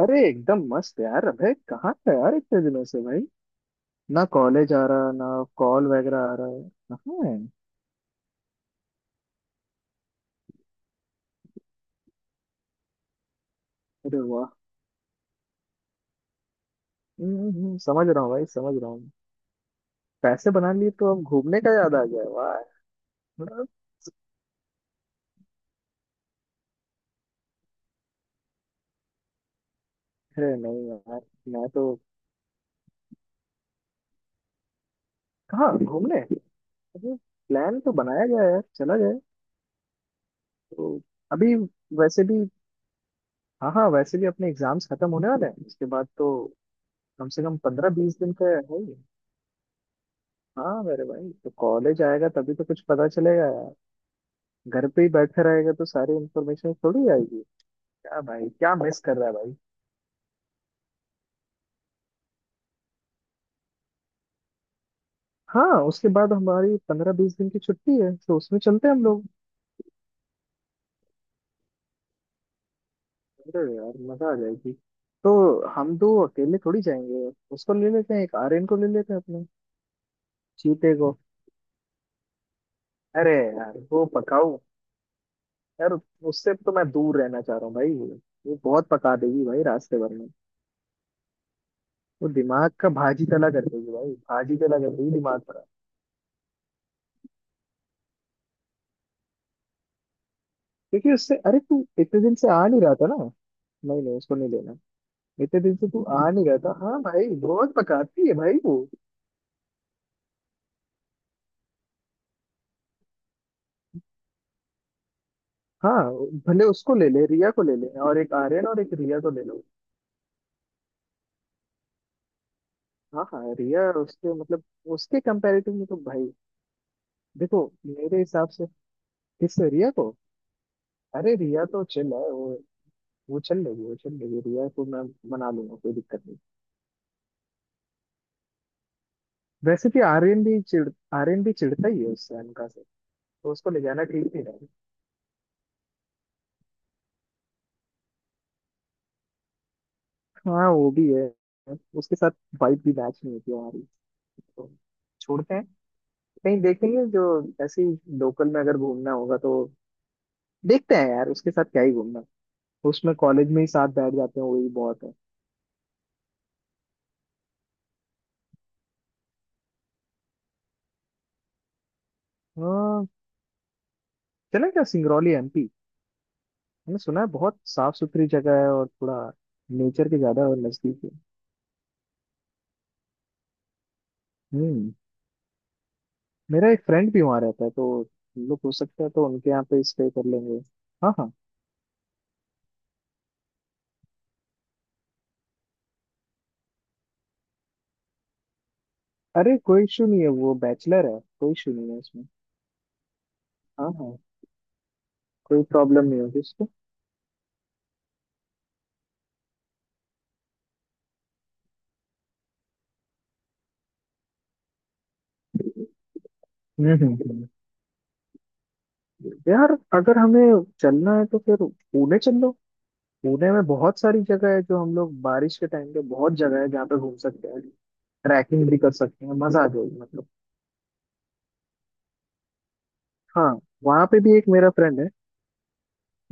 अरे एकदम मस्त यार। अबे कहाँ था यार इतने दिनों से भाई? ना कॉलेज आ रहा, ना कॉल वगैरह आ रहा है। कहाँ है? अरे वाह। समझ रहा हूँ भाई, समझ रहा हूँ। पैसे बना लिए तो अब घूमने का याद आ गया, वाह। मतलब, अरे नहीं यार, मैं तो। कहाँ घूमने? अरे, प्लान तो बनाया गया है यार, चला जाए। तो अभी वैसे भी, हाँ हाँ, वैसे भी अपने एग्जाम्स खत्म होने वाले हैं, उसके बाद तो कम से कम 15-20 दिन का है ही। हाँ मेरे भाई तो कॉलेज आएगा तभी तो कुछ पता चलेगा। घर पे ही बैठा रहेगा तो सारी इन्फॉर्मेशन थोड़ी आएगी। क्या भाई, क्या मिस कर रहा है भाई। हाँ उसके बाद हमारी 15-20 दिन की छुट्टी है, तो उसमें चलते हैं हम लोग। अरे यार मजा आ जाएगी। तो हम दो अकेले थोड़ी जाएंगे। उसको ले लेते हैं, एक आर्यन को ले लेते हैं अपने चीते को। अरे यार वो पकाऊ यार, उससे तो मैं दूर रहना चाह रहा हूँ भाई। वो बहुत पका देगी भाई रास्ते भर में। वो दिमाग का भाजी तला कर देगी भाई, भाजी तला कर देगी दिमाग का। क्योंकि उससे, अरे तू इतने दिन से आ नहीं रहा था ना, नहीं नहीं उसको नहीं लेना। इतने दिन से तू आ नहीं रहा था, हाँ भाई बहुत पकाती है भाई वो। हाँ भले उसको ले ले, रिया को ले ले, और एक आर्यन और एक रिया को ले लो। हाँ हाँ रिया, उसके मतलब उसके कंपैरेटिव में तो भाई। देखो मेरे हिसाब से, किससे? रिया को? अरे रिया तो चिल है वो चल लेगी, वो चल लेगी, रिया को मैं मना लूंगा, कोई दिक्कत नहीं। वैसे भी आर्यन भी चिढ़ता ही है उससे, अनका से। तो उसको ले जाना ठीक नहीं रहेगा। हाँ वो भी है उसके साथ। वाइब भी मैच नहीं होती हमारी। तो छोड़ते हैं, नहीं देखेंगे, जो ऐसे ही लोकल में अगर घूमना होगा तो। देखते हैं यार, उसके साथ क्या ही घूमना। उसमें कॉलेज में ही साथ बैठ जाते हैं, वही बहुत है। हाँ, चलें क्या सिंगरौली एमपी? मैंने सुना है बहुत साफ सुथरी जगह है और थोड़ा नेचर के ज्यादा और नजदीक है। हम्म, मेरा एक फ्रेंड भी वहाँ रहता है, तो हम लोग हो सकता है तो उनके यहाँ पे स्टे कर लेंगे। हाँ हाँ। अरे कोई इशू नहीं है, वो बैचलर है, कोई इशू नहीं है उसमें। हाँ हाँ। कोई प्रॉब्लम नहीं होगी उसको। हम्म हम्म, हम्म। यार, अगर हमें चलना है तो फिर पुणे चल लो। पुणे में बहुत सारी जगह है, जो हम लोग बारिश के टाइम पे, बहुत जगह है जहाँ पे घूम सकते हैं, ट्रैकिंग भी कर सकते हैं, मजा आ जाएगी मतलब। हाँ, वहाँ पे भी एक मेरा फ्रेंड है।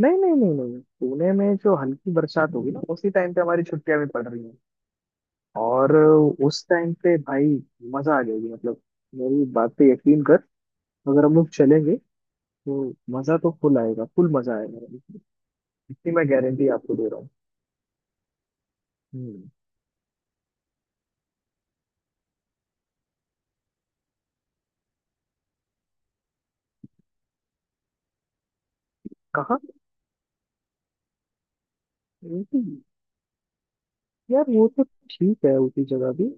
नहीं नहीं नहीं नहीं नहीं, पुणे में जो हल्की बरसात होगी ना, उसी टाइम पे हमारी छुट्टियां भी पड़ रही हैं। और उस टाइम पे भाई, मजा आ जाएगी मतलब। मेरी बात पे यकीन कर, अगर हम लोग चलेंगे तो मजा तो फुल आएगा, फुल मजा आएगा। इतनी मैं गारंटी आपको दे रहा हूँ। हम्म, कहाँ? ऊटी? यार वो तो ठीक है, उसी जगह भी।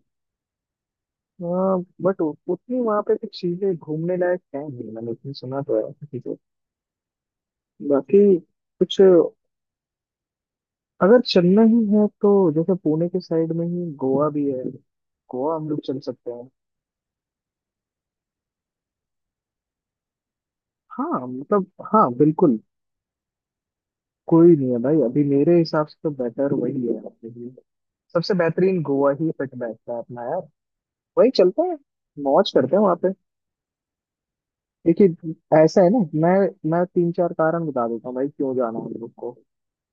हाँ बट उतनी वहां पे कुछ चीजें घूमने लायक है नहीं, मैंने उतनी सुना तो है किसी को। बाकी कुछ, अगर चलना ही है तो जैसे पुणे के साइड में ही गोवा भी है, गोवा हम लोग चल सकते हैं। हाँ मतलब, हाँ बिल्कुल। कोई नहीं है भाई, अभी मेरे हिसाब से तो बेटर वही है अपने लिए, सबसे बेहतरीन गोवा ही फिट बैठता है अपना यार। वही चलता है, मौज करते हैं वहां पे। देखिए, ऐसा है ना, मैं मैं 3-4 कारण बता देता हूँ भाई क्यों जाना है हम लोग को।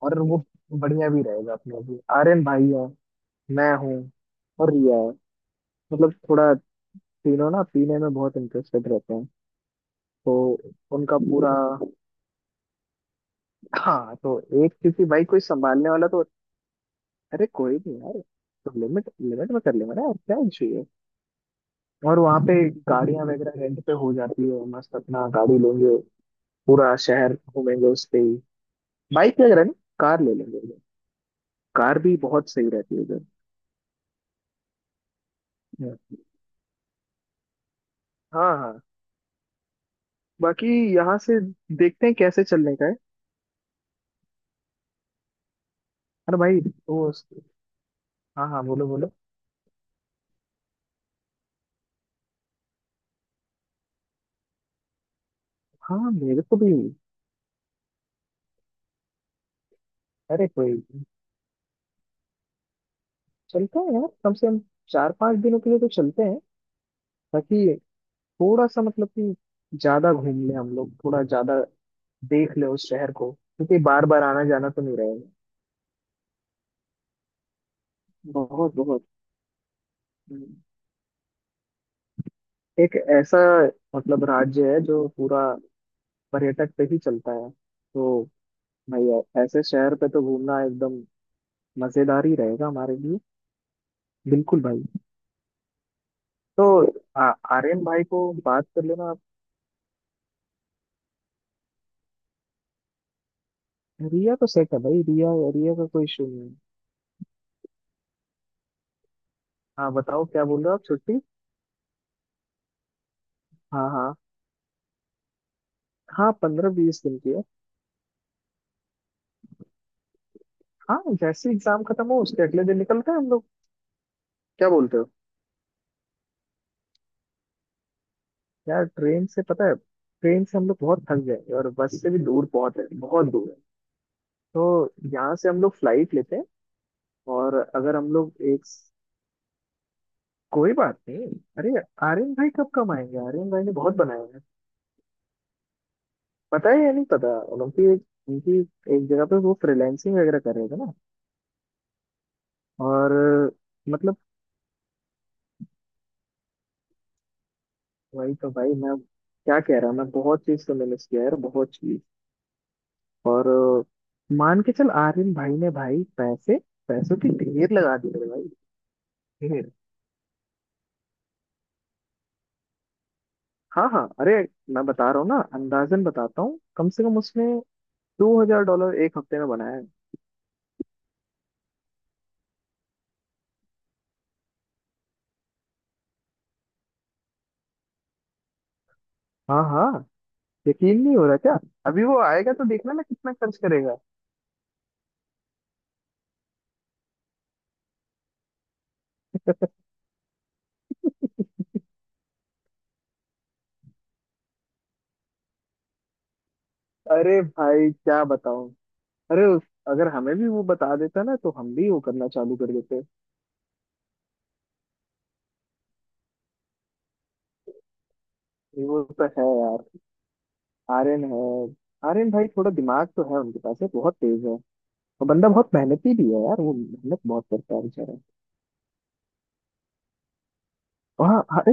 और वो बढ़िया भी रहेगा अपने लिए। आर्यन भाई है, मैं हूँ, और रिया है। मतलब थोड़ा, तीनों ना पीने में बहुत इंटरेस्टेड रहते हैं, तो उनका पूरा, हाँ तो एक, क्योंकि भाई कोई संभालने वाला तो। अरे कोई नहीं यार, तो लिमिट लिमिट में कर लेंगे ना यार, क्या इशू है। और वहाँ पे गाड़ियाँ वगैरह रेंट पे हो जाती है, मस्त अपना गाड़ी लेंगे, पूरा शहर घूमेंगे उस पे ही। बाइक वगैरह नहीं, कार ले लेंगे उधर। कार भी बहुत सही रहती है उधर। हाँ हाँ। बाकी यहाँ से देखते हैं कैसे चलने का है। अरे भाई वो, हाँ हाँ, बोलो बोलो। हाँ मेरे को भी। अरे कोई, चलते हैं यार, कम से कम 4-5 दिनों के लिए तो चलते हैं, ताकि थोड़ा सा मतलब कि ज्यादा घूम ले हम लोग, थोड़ा ज्यादा देख ले उस शहर को, क्योंकि बार बार आना जाना तो नहीं रहेगा। बहुत बहुत। हम्म। एक ऐसा मतलब राज्य है जो पूरा पर्यटक पे ही चलता है, तो भाई ऐसे शहर पे तो घूमना एकदम मजेदार ही रहेगा हमारे लिए। बिल्कुल भाई। तो आ, आर्यन भाई को बात कर लेना आप। रिया तो सेट है भाई, रिया, रिया का कोई इशू नहीं है। हाँ बताओ क्या बोल रहे हो आप, छुट्टी? हाँ हाँ हाँ, 15-20 दिन की है। हाँ जैसे एग्जाम खत्म हो उसके अगले दिन निकलते हैं हम लोग, क्या बोलते हो? यार ट्रेन से, पता है ट्रेन से हम लोग बहुत थक जाएंगे, और बस से भी, दूर बहुत है, बहुत दूर है। तो यहाँ से हम लोग फ्लाइट लेते हैं। और अगर हम लोग एक, कोई बात नहीं। अरे आर्यन भाई, कब कब आएंगे, आर्यन भाई ने बहुत बनाया, पता है या नहीं पता? उनकी एक उनकी एक जगह पे वो फ्रीलैंसिंग वगैरह कर रहे थे ना। और मतलब वही तो भाई, मैं क्या कह रहा हूँ, मैं बहुत चीज तो मिस किया यार, बहुत चीज। और मान के चल, आर्यन भाई ने भाई पैसे, पैसों की ढेर लगा दी मेरे भाई, ढेर। हाँ हाँ, अरे मैं बता रहा हूँ ना, अंदाजन बताता हूँ, कम से कम उसने $2,000 एक हफ्ते में बनाया है। हाँ हाँ। यकीन नहीं हो रहा क्या? अभी वो आएगा तो देखना मैं कितना खर्च करेगा। अरे भाई क्या बताऊं, अरे उस- अगर हमें भी वो बता देता ना, तो हम भी वो करना चालू कर देते। ये वो तो है। आर्यन है, आर्यन भाई थोड़ा दिमाग तो है उनके पास है, बहुत तेज है, और बंदा बहुत मेहनती भी है यार, वो मेहनत बहुत करता है बेचारा। और हाँ अरे,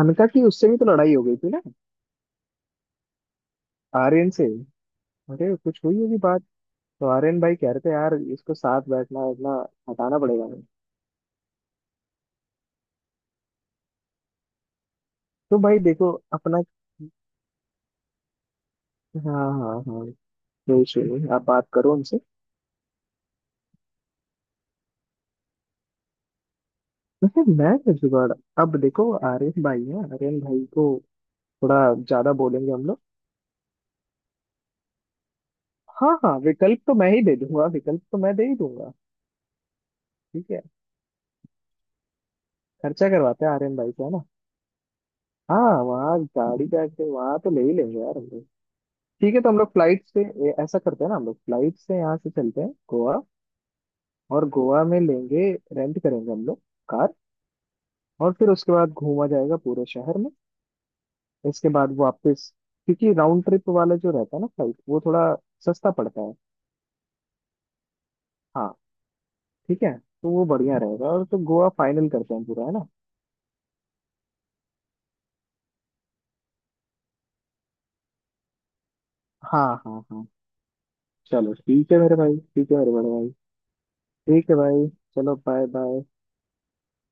अनका की उससे भी तो लड़ाई हो गई थी ना, आर्यन से। अरे कुछ हुई होगी बात, तो आर्यन भाई कह रहे थे यार, इसको साथ बैठना उठना हटाना पड़ेगा। तो भाई देखो अपना, हाँ हाँ हाँ, कोई इशू नहीं, आप बात करो उनसे। वैसे मैं क्या जुगाड़, अब देखो आर्यन भाई है, आर्यन भाई को थोड़ा ज्यादा बोलेंगे हम लोग। हाँ हाँ, विकल्प तो मैं ही दे दूंगा, विकल्प तो मैं दे ही दूंगा। ठीक है। खर्चा करवाते हैं आर्यन भाई से, है ना। हाँ वहाँ गाड़ी का के वहाँ तो ले ही लेंगे यार हम लोग। ठीक है तो हम लोग फ्लाइट से ऐसा करते हैं ना, हम लोग फ्लाइट से यहाँ से चलते हैं गोवा। और गोवा में लेंगे, रेंट करेंगे हम लोग, कार। और फिर उसके बाद घूमा जाएगा पूरे शहर में। इसके बाद वापस, क्योंकि राउंड ट्रिप वाला जो रहता है ना फ्लाइट, वो थोड़ा सस्ता पड़ता है। हाँ ठीक है, तो वो बढ़िया रहेगा, और तो गोवा फाइनल करते हैं पूरा, है ना? हाँ हाँ हाँ। चलो ठीक है मेरे भाई, ठीक है मेरे बड़े भाई। ठीक है भाई, चलो बाय बाय।